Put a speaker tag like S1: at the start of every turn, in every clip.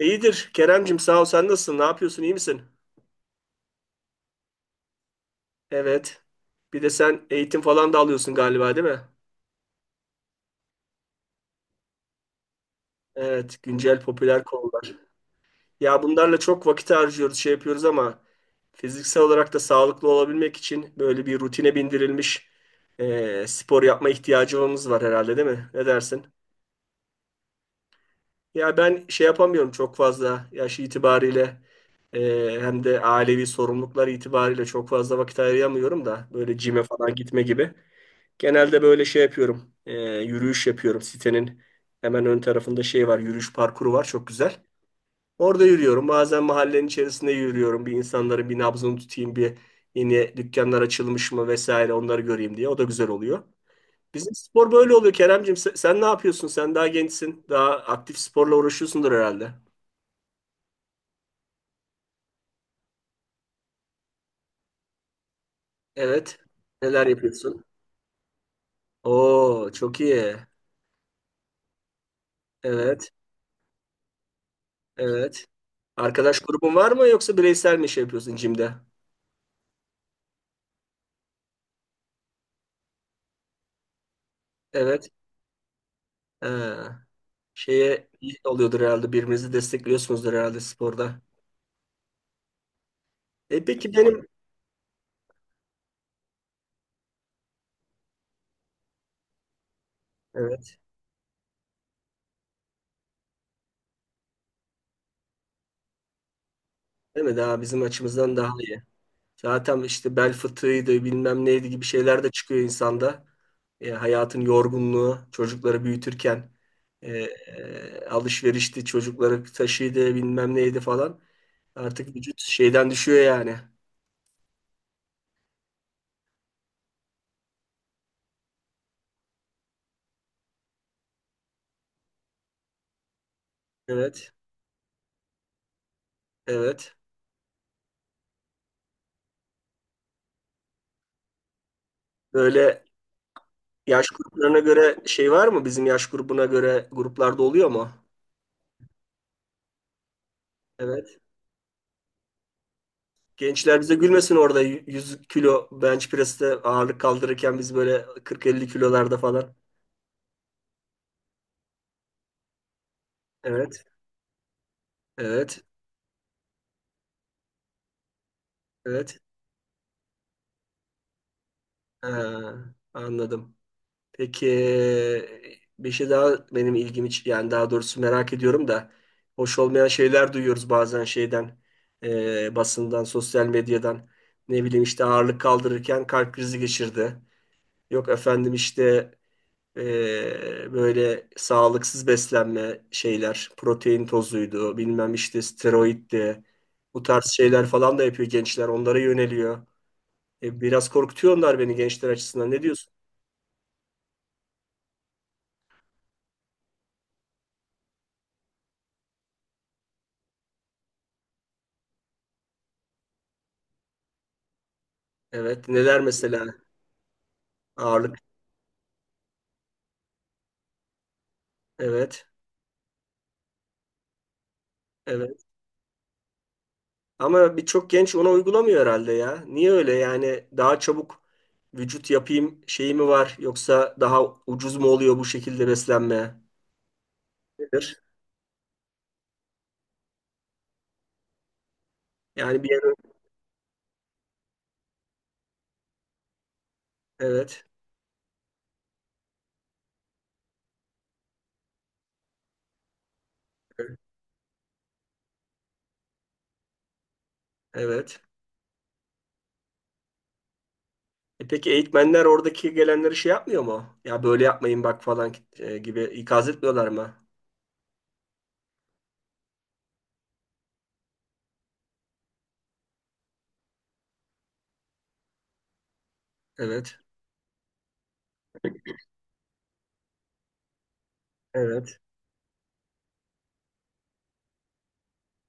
S1: İyidir Keremcim, sağ ol, sen nasılsın? Ne yapıyorsun? İyi misin? Evet. Bir de sen eğitim falan da alıyorsun galiba, değil mi? Evet, güncel popüler konular. Ya bunlarla çok vakit harcıyoruz, şey yapıyoruz ama fiziksel olarak da sağlıklı olabilmek için böyle bir rutine bindirilmiş spor yapma ihtiyacımız var herhalde, değil mi? Ne dersin? Ya ben şey yapamıyorum, çok fazla yaş itibariyle e, hem de ailevi sorumluluklar itibariyle çok fazla vakit ayıramıyorum da böyle cime falan gitme gibi. Genelde böyle şey yapıyorum. Yürüyüş yapıyorum. Sitenin hemen ön tarafında şey var. Yürüyüş parkuru var. Çok güzel. Orada yürüyorum. Bazen mahallenin içerisinde yürüyorum. Bir insanların bir nabzını tutayım. Bir yeni dükkanlar açılmış mı vesaire onları göreyim diye. O da güzel oluyor. Bizim spor böyle oluyor Keremcim. Sen ne yapıyorsun? Sen daha gençsin. Daha aktif sporla uğraşıyorsundur herhalde. Evet. Neler yapıyorsun? Oo, çok iyi. Evet. Evet. Arkadaş grubun var mı yoksa bireysel mi şey yapıyorsun jimde? Evet. Ee, Şeye iyi oluyordur herhalde. Birbirinizi destekliyorsunuzdur herhalde sporda. E peki benim, evet, değil mi, daha bizim açımızdan daha iyi. Zaten işte bel fıtığıydı bilmem neydi gibi şeyler de çıkıyor insanda. Hayatın yorgunluğu çocukları büyütürken alışverişti çocukları taşıydı bilmem neydi falan. Artık vücut şeyden düşüyor yani. Evet, evet. Böyle yaş gruplarına göre şey var mı? Bizim yaş grubuna göre gruplarda oluyor mu? Evet. Gençler bize gülmesin, orada 100 kilo bench press'te ağırlık kaldırırken biz böyle 40-50 kilolarda falan. Evet, evet, evet. Ha, anladım. Peki bir şey daha benim ilgimi yani daha doğrusu merak ediyorum da hoş olmayan şeyler duyuyoruz bazen şeyden, basından, sosyal medyadan. Ne bileyim işte ağırlık kaldırırken kalp krizi geçirdi. Yok efendim işte böyle sağlıksız beslenme şeyler, protein tozuydu, bilmem işte steroiddi. Bu tarz şeyler falan da yapıyor gençler, onlara yöneliyor. Biraz korkutuyor onlar beni gençler açısından. Ne diyorsun? Evet, neler mesela ağırlık? Evet, evet. Ama birçok genç ona uygulamıyor herhalde ya. Niye öyle? Yani daha çabuk vücut yapayım şeyi mi var yoksa daha ucuz mu oluyor bu şekilde beslenme? Nedir? Yani bir yer, evet. Evet. E peki eğitmenler oradaki gelenleri şey yapmıyor mu? Ya böyle yapmayın bak falan gibi ikaz etmiyorlar mı? Evet. Evet.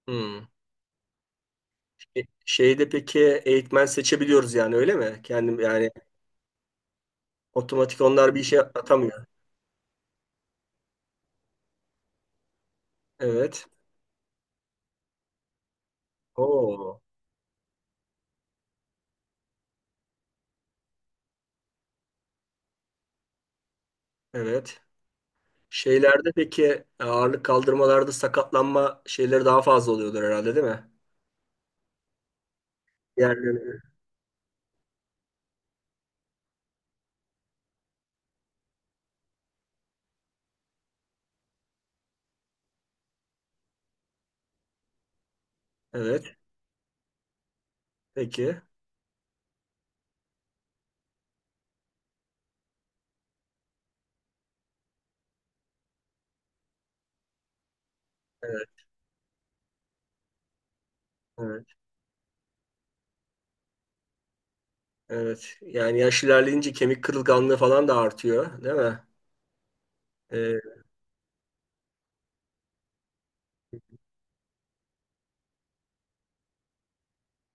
S1: Hmm. E, Şeyde peki eğitmen seçebiliyoruz, yani öyle mi? Kendim yani, otomatik onlar bir işe atamıyor. Evet. Oo. Evet. Şeylerde peki ağırlık kaldırmalarda sakatlanma şeyleri daha fazla oluyordur herhalde, değil mi? Diğerleri. Evet. Peki. Evet. Evet. Evet. Yani yaş ilerleyince kemik kırılganlığı falan da artıyor, değil mi? E,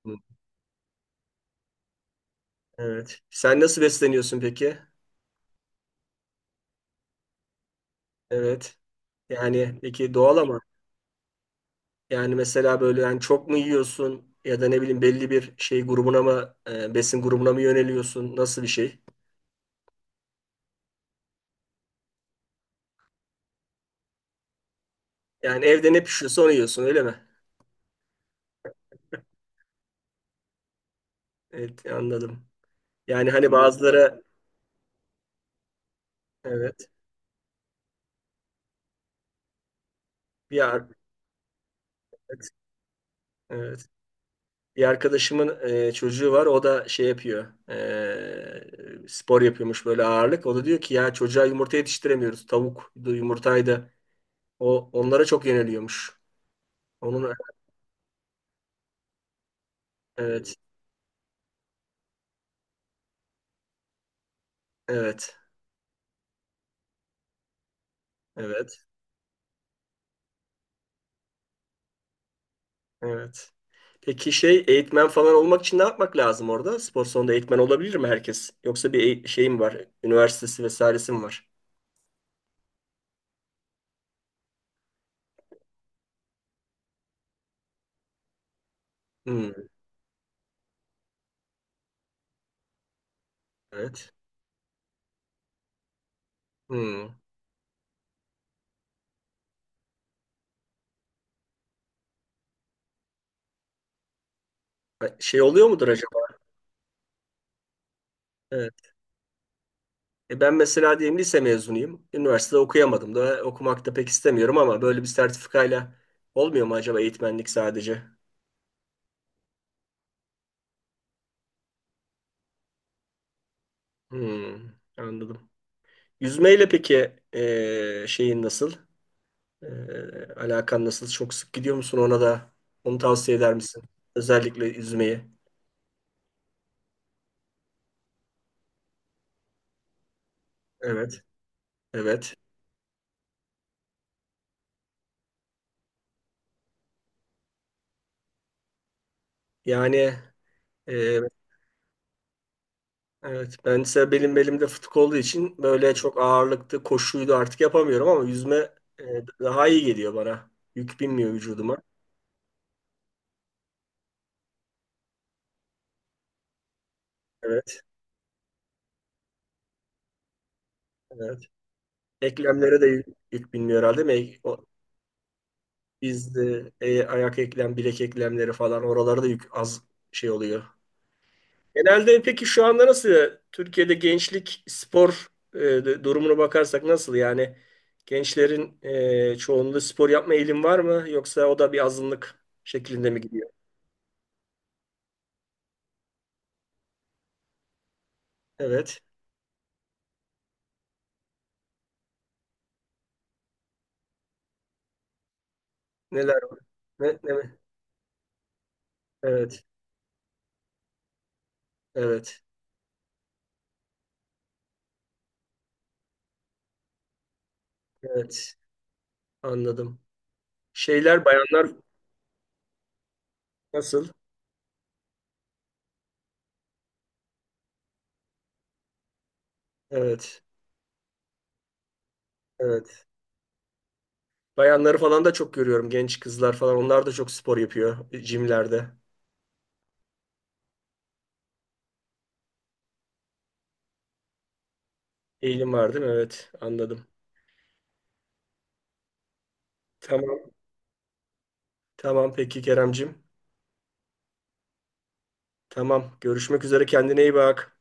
S1: Hı, evet. Sen nasıl besleniyorsun peki? Evet. Yani peki doğal ama yani mesela böyle yani çok mu yiyorsun ya da ne bileyim belli bir şey grubuna mı, besin grubuna mı yöneliyorsun? Nasıl bir şey? Yani evde ne pişiyorsa onu yiyorsun, öyle mi? Evet, anladım. Yani hani bazıları, evet, bir evet, evet. Bir arkadaşımın çocuğu var, o da şey yapıyor, spor yapıyormuş böyle ağırlık. O da diyor ki ya çocuğa yumurta yetiştiremiyoruz. Tavuk yumurtaydı. O onlara çok yeniliyormuş. Onun, evet. Hmm. Evet, evet, evet. Peki şey eğitmen falan olmak için ne yapmak lazım orada? Spor salonunda eğitmen olabilir mi herkes? Yoksa bir şey mi var? Üniversitesi vesairesi mi var? Hmm, evet. Hmm. Şey oluyor mudur acaba? Evet. E ben mesela diyelim lise mezunuyum. Üniversitede okuyamadım da okumak da pek istemiyorum ama böyle bir sertifikayla olmuyor mu acaba eğitmenlik, sadece? Hmm, anladım. Yüzmeyle peki şeyin nasıl? Alakan nasıl? Çok sık gidiyor musun ona da? Onu tavsiye eder misin? Özellikle yüzmeyi. Evet, evet. Yani, e, evet. Ben ise belim belimde fıtık olduğu için böyle çok ağırlıklı koşuydu artık yapamıyorum, ama yüzme e, daha iyi geliyor bana. Yük binmiyor vücuduma. Evet, evet. Eklemlere de yük binmiyor herhalde, değil mi? Biz de ayak eklem, bilek eklemleri falan oralarda yük az şey oluyor. Genelde peki şu anda nasıl Türkiye'de gençlik spor, durumuna bakarsak nasıl, yani gençlerin çoğunluğu spor yapma eğilim var mı yoksa o da bir azınlık şeklinde mi gidiyor? Evet. Neler var? Ne mi? Evet. Evet. Evet. Anladım. Şeyler bayanlar nasıl? Evet. Evet. Bayanları falan da çok görüyorum. Genç kızlar falan onlar da çok spor yapıyor jimlerde. Eğilim var, değil mi? Evet. Anladım. Tamam. Tamam peki Keremcim. Tamam. Görüşmek üzere. Kendine iyi bak.